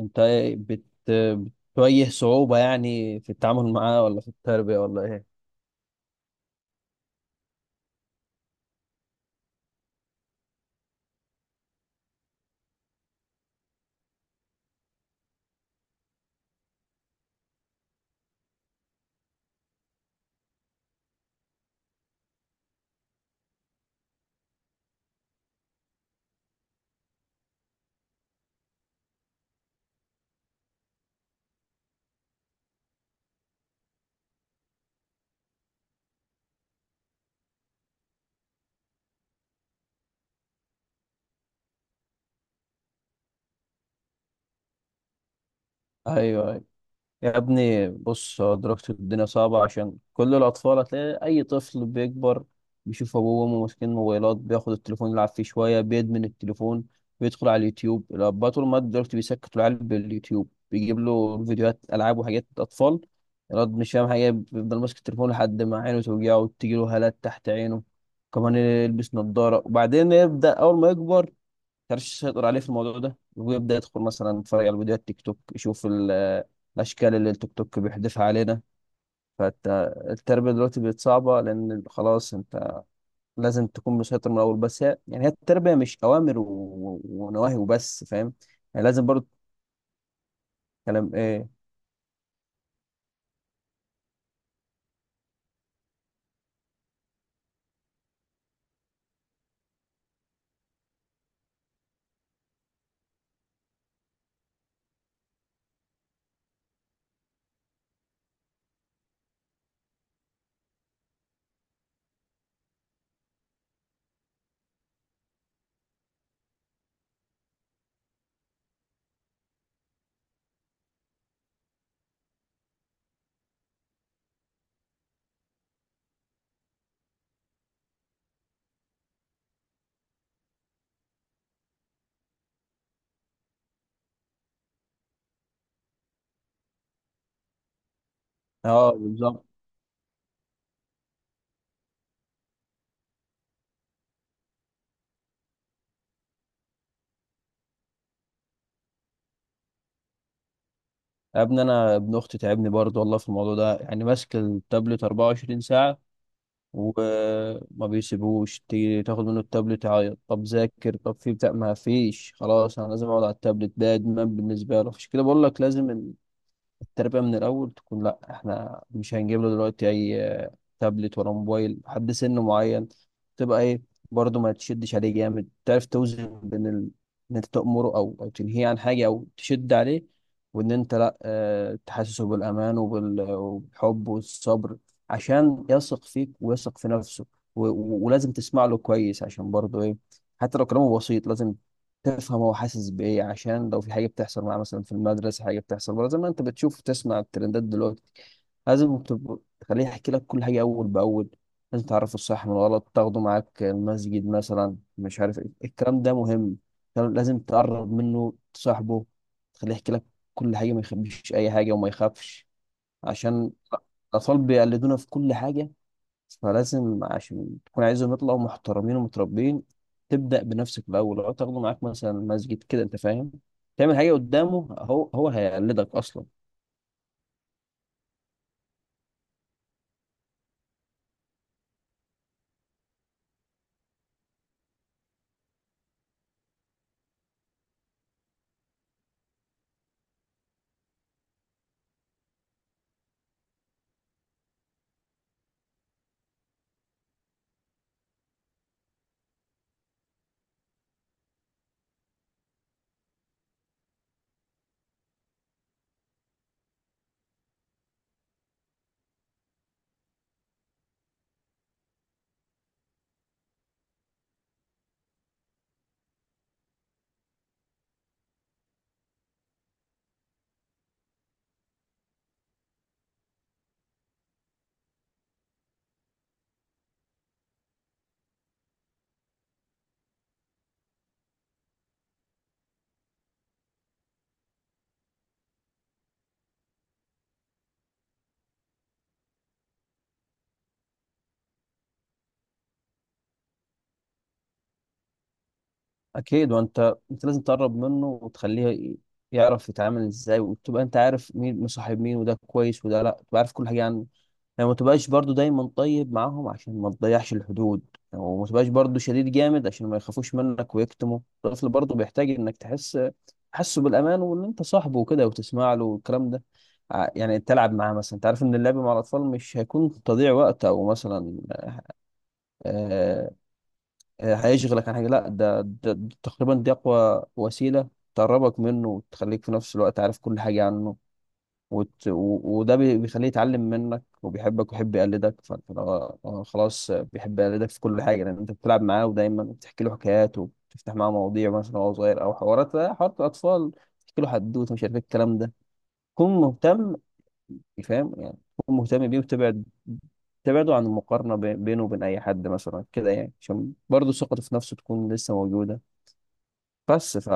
انت بتواجه صعوبة يعني في التعامل معاه، ولا في التربية ولا ايه؟ ايوه، يا ابني بص، هو دلوقتي الدنيا صعبة عشان كل الأطفال. هتلاقي أي طفل بيكبر بيشوف أبوه وأمه ماسكين موبايلات، بياخد التليفون يلعب فيه شوية، بيدمن التليفون، بيدخل على اليوتيوب. الأباء طول ما دلوقتي بيسكتوا العيال باليوتيوب، بيجيب له فيديوهات ألعاب وحاجات أطفال، الواد مش فاهم حاجة، بيفضل ماسك التليفون لحد ما عينه توجعه وتجيله هالات تحت عينه، كمان يلبس نظارة. وبعدين يبدأ أول ما يكبر، كانش يسيطر عليه في الموضوع ده، ويبدأ يدخل مثلا يتفرج على فيديوهات تيك توك، يشوف الأشكال اللي التيك توك بيحذفها علينا. فالتربية دلوقتي بقت صعبة، لأن خلاص أنت لازم تكون مسيطر من الأول. بس هي يعني هي التربية مش أوامر ونواهي وبس، فاهم؟ يعني لازم برضو. كلام إيه؟ أه، بالظبط. يا ابني أنا ابن أختي تعبني برضو والله في الموضوع ده، يعني ماسك التابلت 24 ساعة، وما بيسيبوش تيجي تاخد منه التابلت، يعيط، طب ذاكر، طب في بتاع، ما فيش، خلاص انا لازم اقعد على التابلت ده، ادمان بالنسبه له. عشان كده بقول لك لازم التربية من الأول تكون لأ، إحنا مش هنجيب له دلوقتي أي تابلت ولا موبايل لحد سن معين، تبقى إيه، برضه ما تشدش عليه جامد، تعرف توزن بين إن أنت تأمره أو تنهيه عن حاجة أو تشد عليه، وإن أنت لأ، تحسسه بالأمان وبالحب والصبر، عشان يثق فيك ويثق في نفسه، ولازم تسمع له كويس، عشان برضه إيه، حتى لو كلامه بسيط لازم تفهم هو حاسس بايه، عشان لو في حاجه بتحصل معاه مثلا في المدرسه، حاجه بتحصل بره زي ما انت بتشوف وتسمع الترندات دلوقتي، لازم تخليه يحكي لك كل حاجه اول باول. لازم تعرفه الصح من الغلط، تاخده معاك المسجد مثلا، مش عارف ايه، الكلام ده مهم. كان لازم تقرب منه، تصاحبه، تخليه يحكي لك كل حاجه، ما يخبيش اي حاجه وما يخافش، عشان الاطفال بيقلدونا في كل حاجه. فلازم، عشان تكون عايزهم يطلعوا محترمين ومتربين، تبدأ بنفسك الأول. لو تاخده معاك مثلا مسجد كده أنت فاهم، تعمل حاجة قدامه، هو هيقلدك أصلا. أكيد، وأنت لازم تقرب منه وتخليه يعرف يتعامل إزاي، وتبقى أنت عارف مين مصاحب مين، وده كويس وده لأ، تبقى عارف كل حاجة عنه، يعني ما تبقاش برضو دايما طيب معاهم عشان ما تضيعش الحدود، وما تبقاش برضو شديد جامد عشان ما يخافوش منك ويكتموا. الطفل برضو بيحتاج انك تحس، تحسه بالامان، وان انت صاحبه وكده، وتسمع له والكلام ده. يعني تلعب معاه مثلا، انت عارف ان اللعب مع الاطفال مش هيكون تضييع وقت، او مثلا آه، هيشغلك عن حاجه، لا، ده, تقريبا دي اقوى وسيله تقربك منه وتخليك في نفس الوقت عارف كل حاجه عنه. وده بيخليه يتعلم منك وبيحبك ويحب يقلدك. فلو هو خلاص بيحب يقلدك في كل حاجة، لأن أنت بتلعب معاه ودايما بتحكي له حكايات، وبتفتح معاه مواضيع مثلا وهو صغير، أو حوارات، حوارات الأطفال، تحكي له حدوتة، مش عارف إيه الكلام ده. كن مهتم، فاهم؟ يعني كن مهتم بيه، وتبعد، تبعده عن المقارنة بينه وبين أي حد مثلا كده، يعني عشان برضه ثقته في نفسه تكون لسه موجودة. بس ف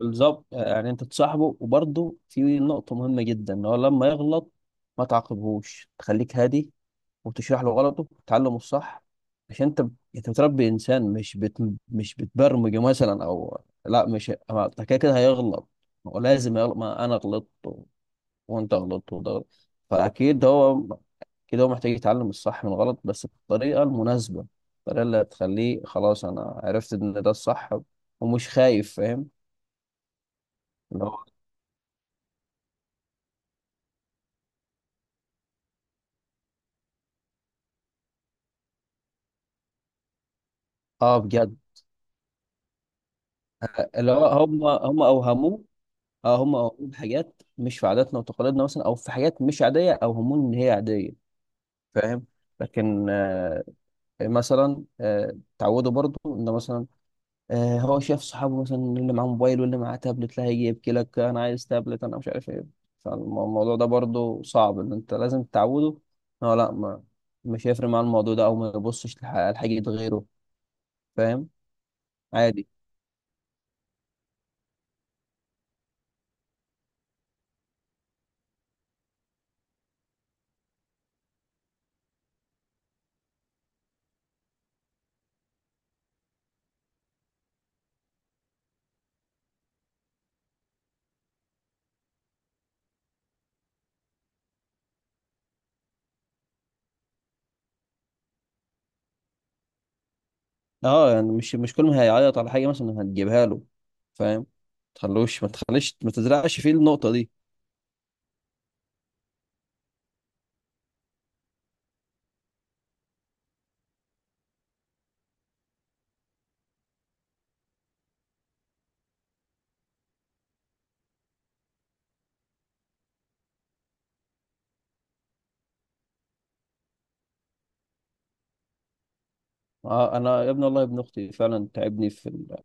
بالظبط، يعني انت تصاحبه. وبرضه في نقطة مهمة جدا، ان هو لما يغلط ما تعاقبهوش، تخليك هادي وتشرح له غلطه وتعلمه الصح، عشان انت بتربي انسان، مش بتبرمجه مثلا، او لا، مش ما انت كده كده هيغلط، هو لازم يغلط، ما انا غلطت وانت غلطت وده غلط، فاكيد هو كده هو محتاج يتعلم الصح من الغلط، بس بالطريقة المناسبة، الطريقة اللي هتخليه خلاص انا عرفت ان ده الصح، ومش خايف، فاهم؟ اللي هو، اه، بجد. اللي هو هم اوهموه، اه، هم اوهموه بحاجات مش في عاداتنا وتقاليدنا مثلا، او في حاجات مش عاديه اوهموه ان هي عاديه، فاهم. لكن آه، مثلا، آه، تعودوا برضو ان مثلا، آه، هو شاف صحابه مثلا اللي معاه موبايل واللي معاه تابلت، لا، هيجي يبكي لك، انا عايز تابلت، انا مش عارف ايه، فالموضوع ده برضو صعب، ان انت لازم تعوده. اه، لا ما مش هيفرق معاه الموضوع ده، او ما يبصش لحاجه غيره، فاهم. عادي. اه يعني، مش كل ما هيعيط على حاجه مثلا هتجيبها له، فاهم. ما تخليش، ما تزرعش فيه النقطه دي. آه، انا يا ابني والله ابن اختي فعلا تعبني في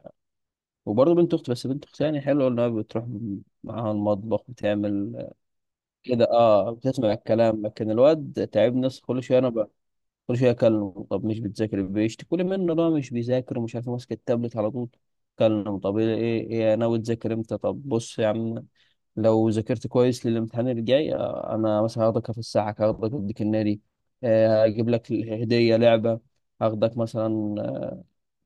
وبرضه بنت اختي، بس بنت اختي يعني حلوه، انها بتروح معاها المطبخ، بتعمل كده، اه، بتسمع الكلام، لكن الواد تعبني. بس كل شويه انا، كل شويه اكلمه، طب مش بتذاكر، بيشتكوا لي منه بقى مش بيذاكر، ومش عارف إيه، ماسك التابلت على طول. كلمه طب ايه ايه إيه ناوي تذاكر امتى، طب بص يا عم، لو ذاكرت كويس للامتحان الجاي، آه، انا مثلا هاخدك في الساعه، هاخدك اوديك النادي، آه، هجيب لك هديه لعبه، هاخدك مثلا، آه،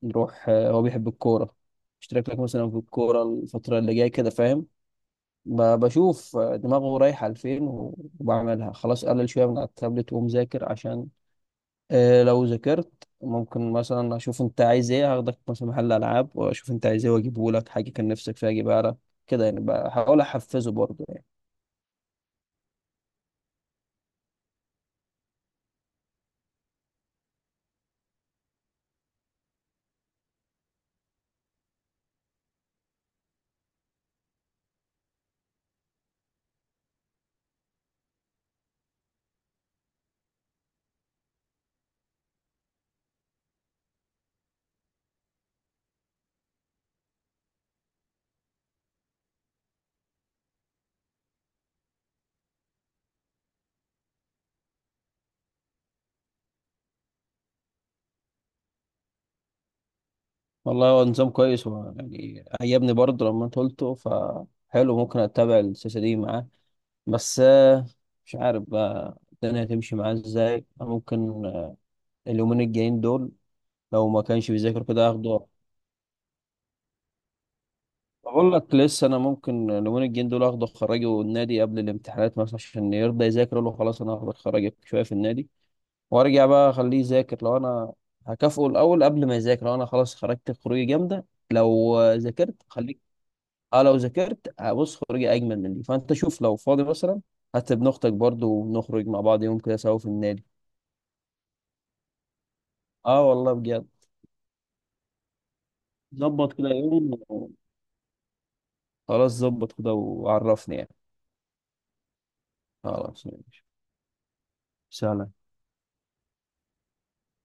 نروح، آه، هو بيحب الكوره، اشترك لك مثلا في الكوره الفتره اللي جايه كده، فاهم. بشوف، آه، دماغه رايحه لفين، وبعملها. خلاص قلل شويه من على التابلت، ومذاكر، عشان آه، لو ذاكرت ممكن مثلا اشوف انت عايز ايه، هاخدك مثلا محل العاب، واشوف انت عايز ايه، واجيبه لك، حاجه كان نفسك فيها اجيبها لك كده، يعني بحاول احفزه برضه، يعني. والله هو نظام كويس، هو يعني عجبني برضه لما انت قلته، فحلو، ممكن اتبع السياسه دي معاه، بس آه، مش عارف بقى الدنيا هتمشي معاه ازاي، ممكن، آه، اليومين الجايين دول، لو ما كانش بيذاكر كده اخده. بقول لك لسه انا ممكن اليومين الجايين دول اخده خراجي والنادي قبل الامتحانات مثلا، عشان يرضى يذاكر، أقول له خلاص انا هاخد خراجي شويه في النادي، وارجع بقى اخليه يذاكر، لو انا هكافئه الاول قبل ما يذاكر، لو انا خلاص خرجت خروجي جامده، لو ذاكرت خليك، اه، لو ذاكرت هبص خروجي اجمل من دي، فانت شوف لو فاضي مثلا، حتى ابن اختك برضه، ونخرج مع بعض يوم كده سوا في النادي. اه والله بجد. ظبط كده يوم و- خلاص، ظبط كده وعرفني يعني. خلاص ماشي، سلام.